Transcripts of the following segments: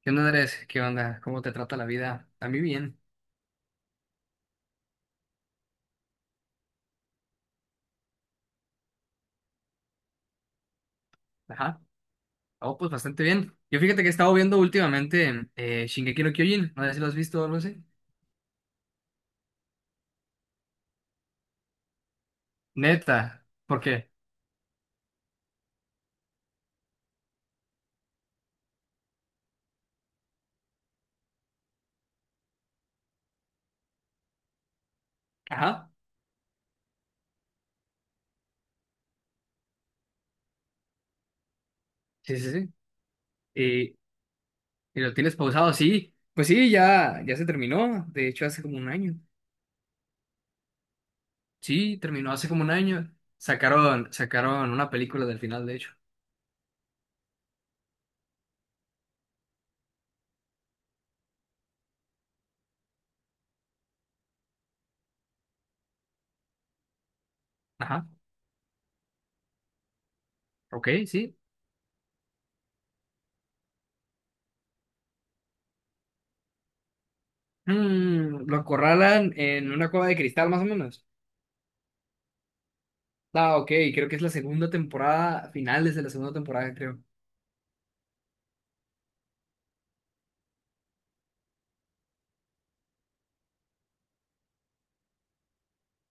¿Qué onda, Andrés? ¿Qué onda? ¿Cómo te trata la vida? A mí bien. Ajá. Oh, pues bastante bien. Yo fíjate que he estado viendo últimamente Shingeki no Kyojin. No sé si lo has visto o algo así. Neta. ¿Por qué? Ajá. Sí, sí, sí. ¿Y, y lo tienes pausado? Sí. Pues sí, ya, ya se terminó. De hecho, hace como un año. Sí, terminó hace como un año. Sacaron una película del final, de hecho. Ajá. Ok, sí. Lo acorralan en una cueva de cristal, más o menos. Ah, ok, creo que es la segunda temporada, finales de la segunda temporada, creo.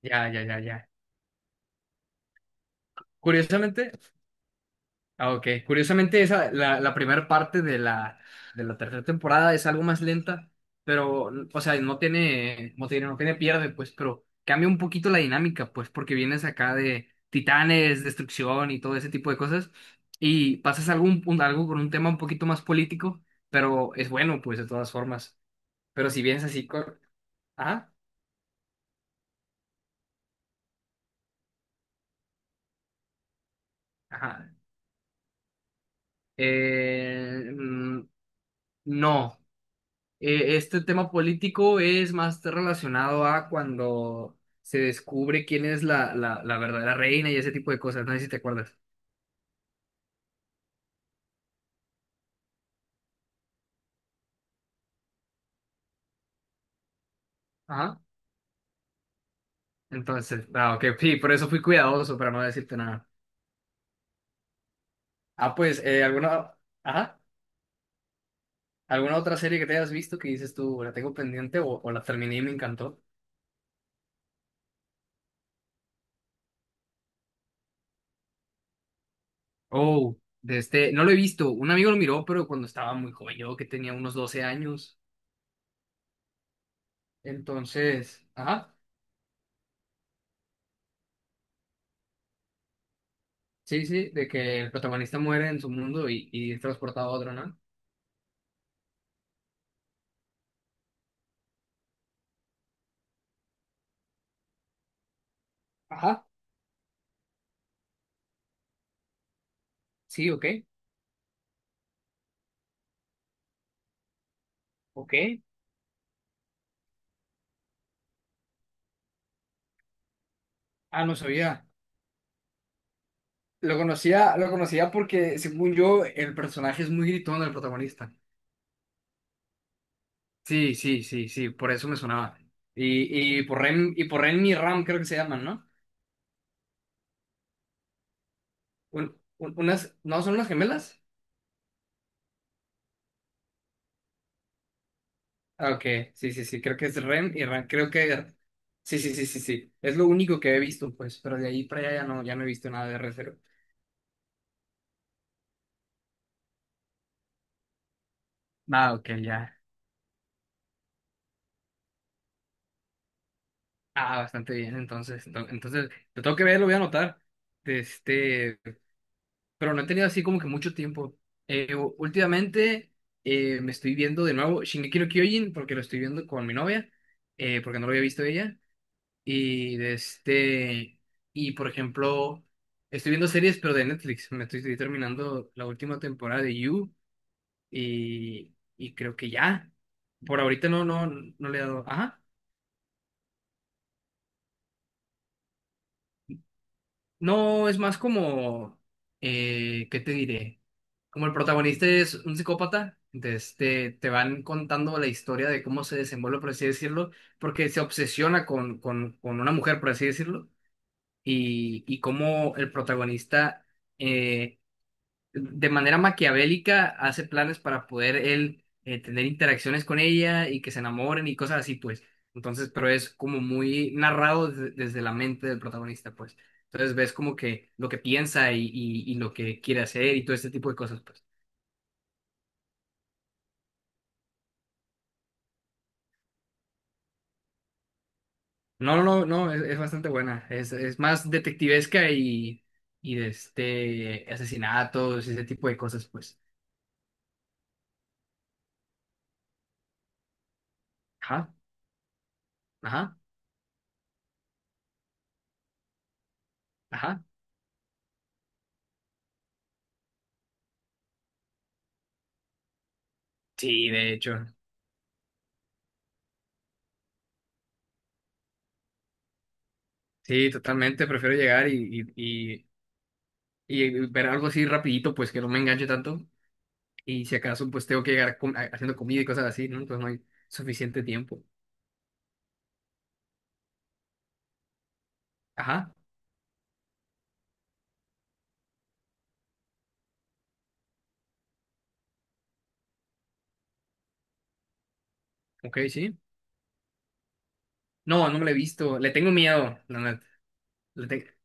Ya, ya, ya, ya. Curiosamente, ah, ok, curiosamente esa, la primera parte de la tercera temporada es algo más lenta, pero, o sea, no tiene pierde, pues, pero cambia un poquito la dinámica, pues, porque vienes acá de titanes, destrucción y todo ese tipo de cosas, y pasas algo con un tema un poquito más político, pero es bueno, pues, de todas formas. Pero si vienes así con. Ajá. Ajá. Eh, mm, no, este tema político es más relacionado a cuando se descubre quién es la verdadera reina y ese tipo de cosas. No sé si te acuerdas. Ajá. Entonces, ah, ok, sí, por eso fui cuidadoso para no decirte nada. Ah, pues, ajá, ¿alguna otra serie que te hayas visto que dices tú, la tengo pendiente o la terminé y me encantó? Oh, no lo he visto. Un amigo lo miró, pero cuando estaba muy joven, yo que tenía unos 12 años. Entonces, ajá. Sí, sí, de que el protagonista muere en su mundo y es transportado a otro, ¿no? Ajá, sí, ok. Ok. Ah, no sabía. Lo conocía porque, según yo, el personaje es muy gritón, el protagonista. Sí, sí, sí, sí, por eso me sonaba. Y por Ren y Ram creo que se llaman, ¿no? Unas, ¿no son unas gemelas? Ah, ok, sí, sí, sí, creo que es Ren y Ram, creo que. Sí, sí, sí, sí, sí. Es lo único que he visto, pues, pero de ahí para allá ya no he visto nada de Re:Zero. Ah, ok, ya. Ah, bastante bien, entonces, entonces, lo tengo que ver, lo voy a anotar, este, pero no he tenido así como que mucho tiempo. Últimamente me estoy viendo de nuevo Shingeki no Kyojin, porque lo estoy viendo con mi novia, porque no lo había visto ella, y de este, y por ejemplo, estoy viendo series, pero de Netflix, estoy terminando la última temporada de You, y creo que ya, por ahorita no, no, no le he dado, ajá. No, es más como, ¿qué te diré? Como el protagonista es un psicópata, entonces te van contando la historia de cómo se desenvuelve, por así decirlo, porque se obsesiona con una mujer, por así decirlo, y cómo el protagonista eh, de manera maquiavélica hace planes para poder él tener interacciones con ella y que se enamoren y cosas así, pues. Entonces, pero es como muy narrado desde la mente del protagonista, pues. Entonces ves como que lo que piensa y lo que quiere hacer y todo este tipo de cosas, pues. No, no, no, es bastante buena. Es más detectivesca y de asesinatos y ese tipo de cosas, pues. Ajá, ajá, ajá. Sí, de hecho. Sí, totalmente. Prefiero llegar y ver algo así rapidito, pues que no me enganche tanto. Y si acaso, pues tengo que llegar haciendo comida y cosas así, ¿no? Entonces no hay suficiente tiempo. Ajá, ok, sí. No, no me lo he visto. Le tengo miedo, la neta. Le, te-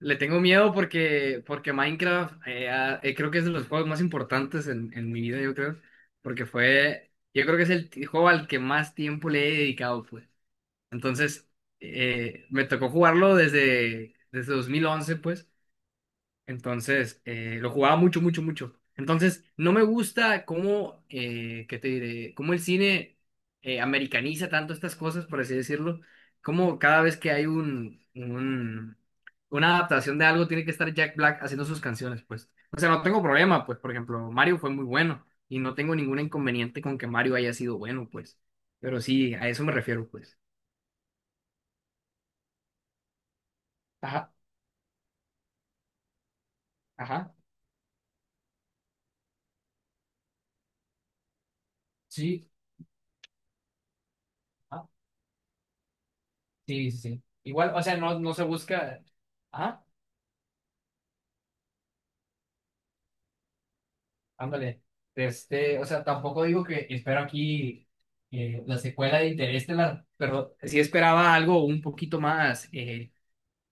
le tengo miedo porque Minecraft creo que es de los juegos más importantes en mi vida, yo creo. Yo creo que es el juego al que más tiempo le he dedicado, pues. Entonces, me tocó jugarlo desde 2011, pues. Entonces, lo jugaba mucho, mucho, mucho. Entonces, no me gusta cómo, ¿qué te diré? Cómo el cine americaniza tanto estas cosas, por así decirlo. Como cada vez que hay una adaptación de algo, tiene que estar Jack Black haciendo sus canciones, pues. O sea, no tengo problema, pues, por ejemplo, Mario fue muy bueno y no tengo ningún inconveniente con que Mario haya sido bueno, pues. Pero sí, a eso me refiero, pues. Ajá, ajá, sí, ajá, sí, sí, sí. Igual, o sea, no, no se busca. Ajá. Ándale, o sea, tampoco digo que espero aquí la secuela de Interestelar, pero sí esperaba algo un poquito más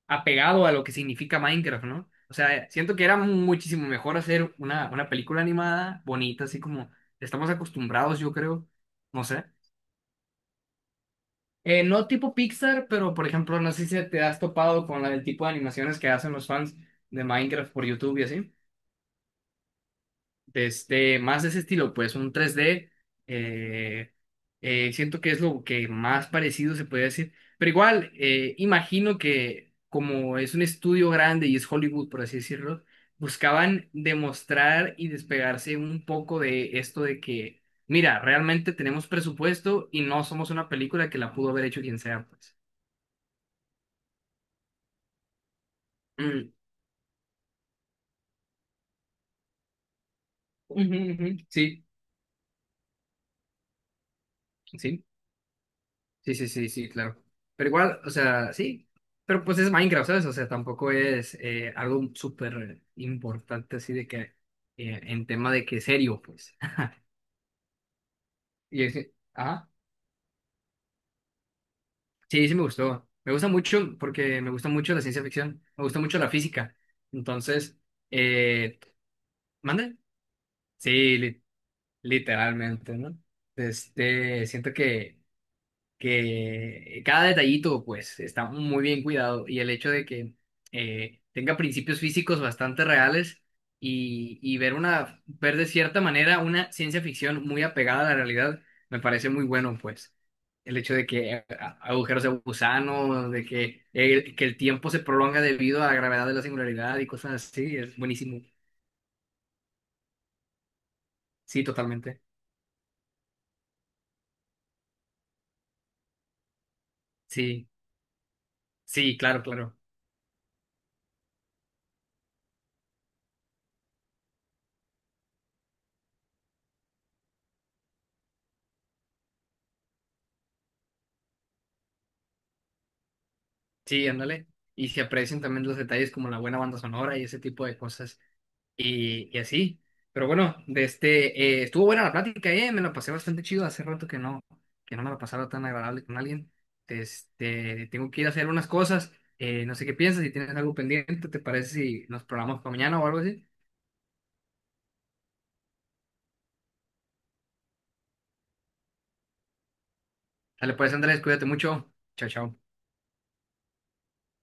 apegado a lo que significa Minecraft, ¿no? O sea, siento que era muchísimo mejor hacer una película animada bonita, así como estamos acostumbrados, yo creo, no sé. No tipo Pixar, pero por ejemplo, no sé si te has topado con el tipo de animaciones que hacen los fans de Minecraft por YouTube y así. Más de ese estilo, pues un 3D. eh, siento que es lo que más parecido se puede decir. Pero igual, imagino que como es un estudio grande y es Hollywood, por así decirlo, buscaban demostrar y despegarse un poco de esto de que, mira, realmente tenemos presupuesto y no somos una película que la pudo haber hecho quien sea, pues. Mm, ujú, ujú, sí, sí. Sí, sí, sí, sí, claro. Pero igual, o sea, sí. Pero pues es Minecraft, ¿sabes? O sea, tampoco es algo súper importante así de que en tema de que serio, pues. Y es que- ah, sí, sí me gustó. Me gusta mucho porque me gusta mucho la ciencia ficción, me gusta mucho la física. Entonces, eh, ¿mande? Sí, literalmente, ¿no? Siento que cada detallito pues está muy bien cuidado y el hecho de que tenga principios físicos bastante reales y ver ver de cierta manera una ciencia ficción muy apegada a la realidad me parece muy bueno pues. El hecho de que agujeros de gusano, que el tiempo se prolonga debido a la gravedad de la singularidad y cosas así, es buenísimo. Sí, totalmente. Sí, sí, claro, claro. Sí, ándale. Y se aprecian también los detalles como la buena banda sonora y ese tipo de cosas. Y así. Pero bueno, estuvo buena la plática, me la pasé bastante chido. Hace rato que no, me la pasaba tan agradable con alguien. Tengo que ir a hacer unas cosas. No sé qué piensas, si tienes algo pendiente, ¿te parece si nos programamos para mañana o algo así? Dale, pues Andrés, cuídate mucho. Chao, chao.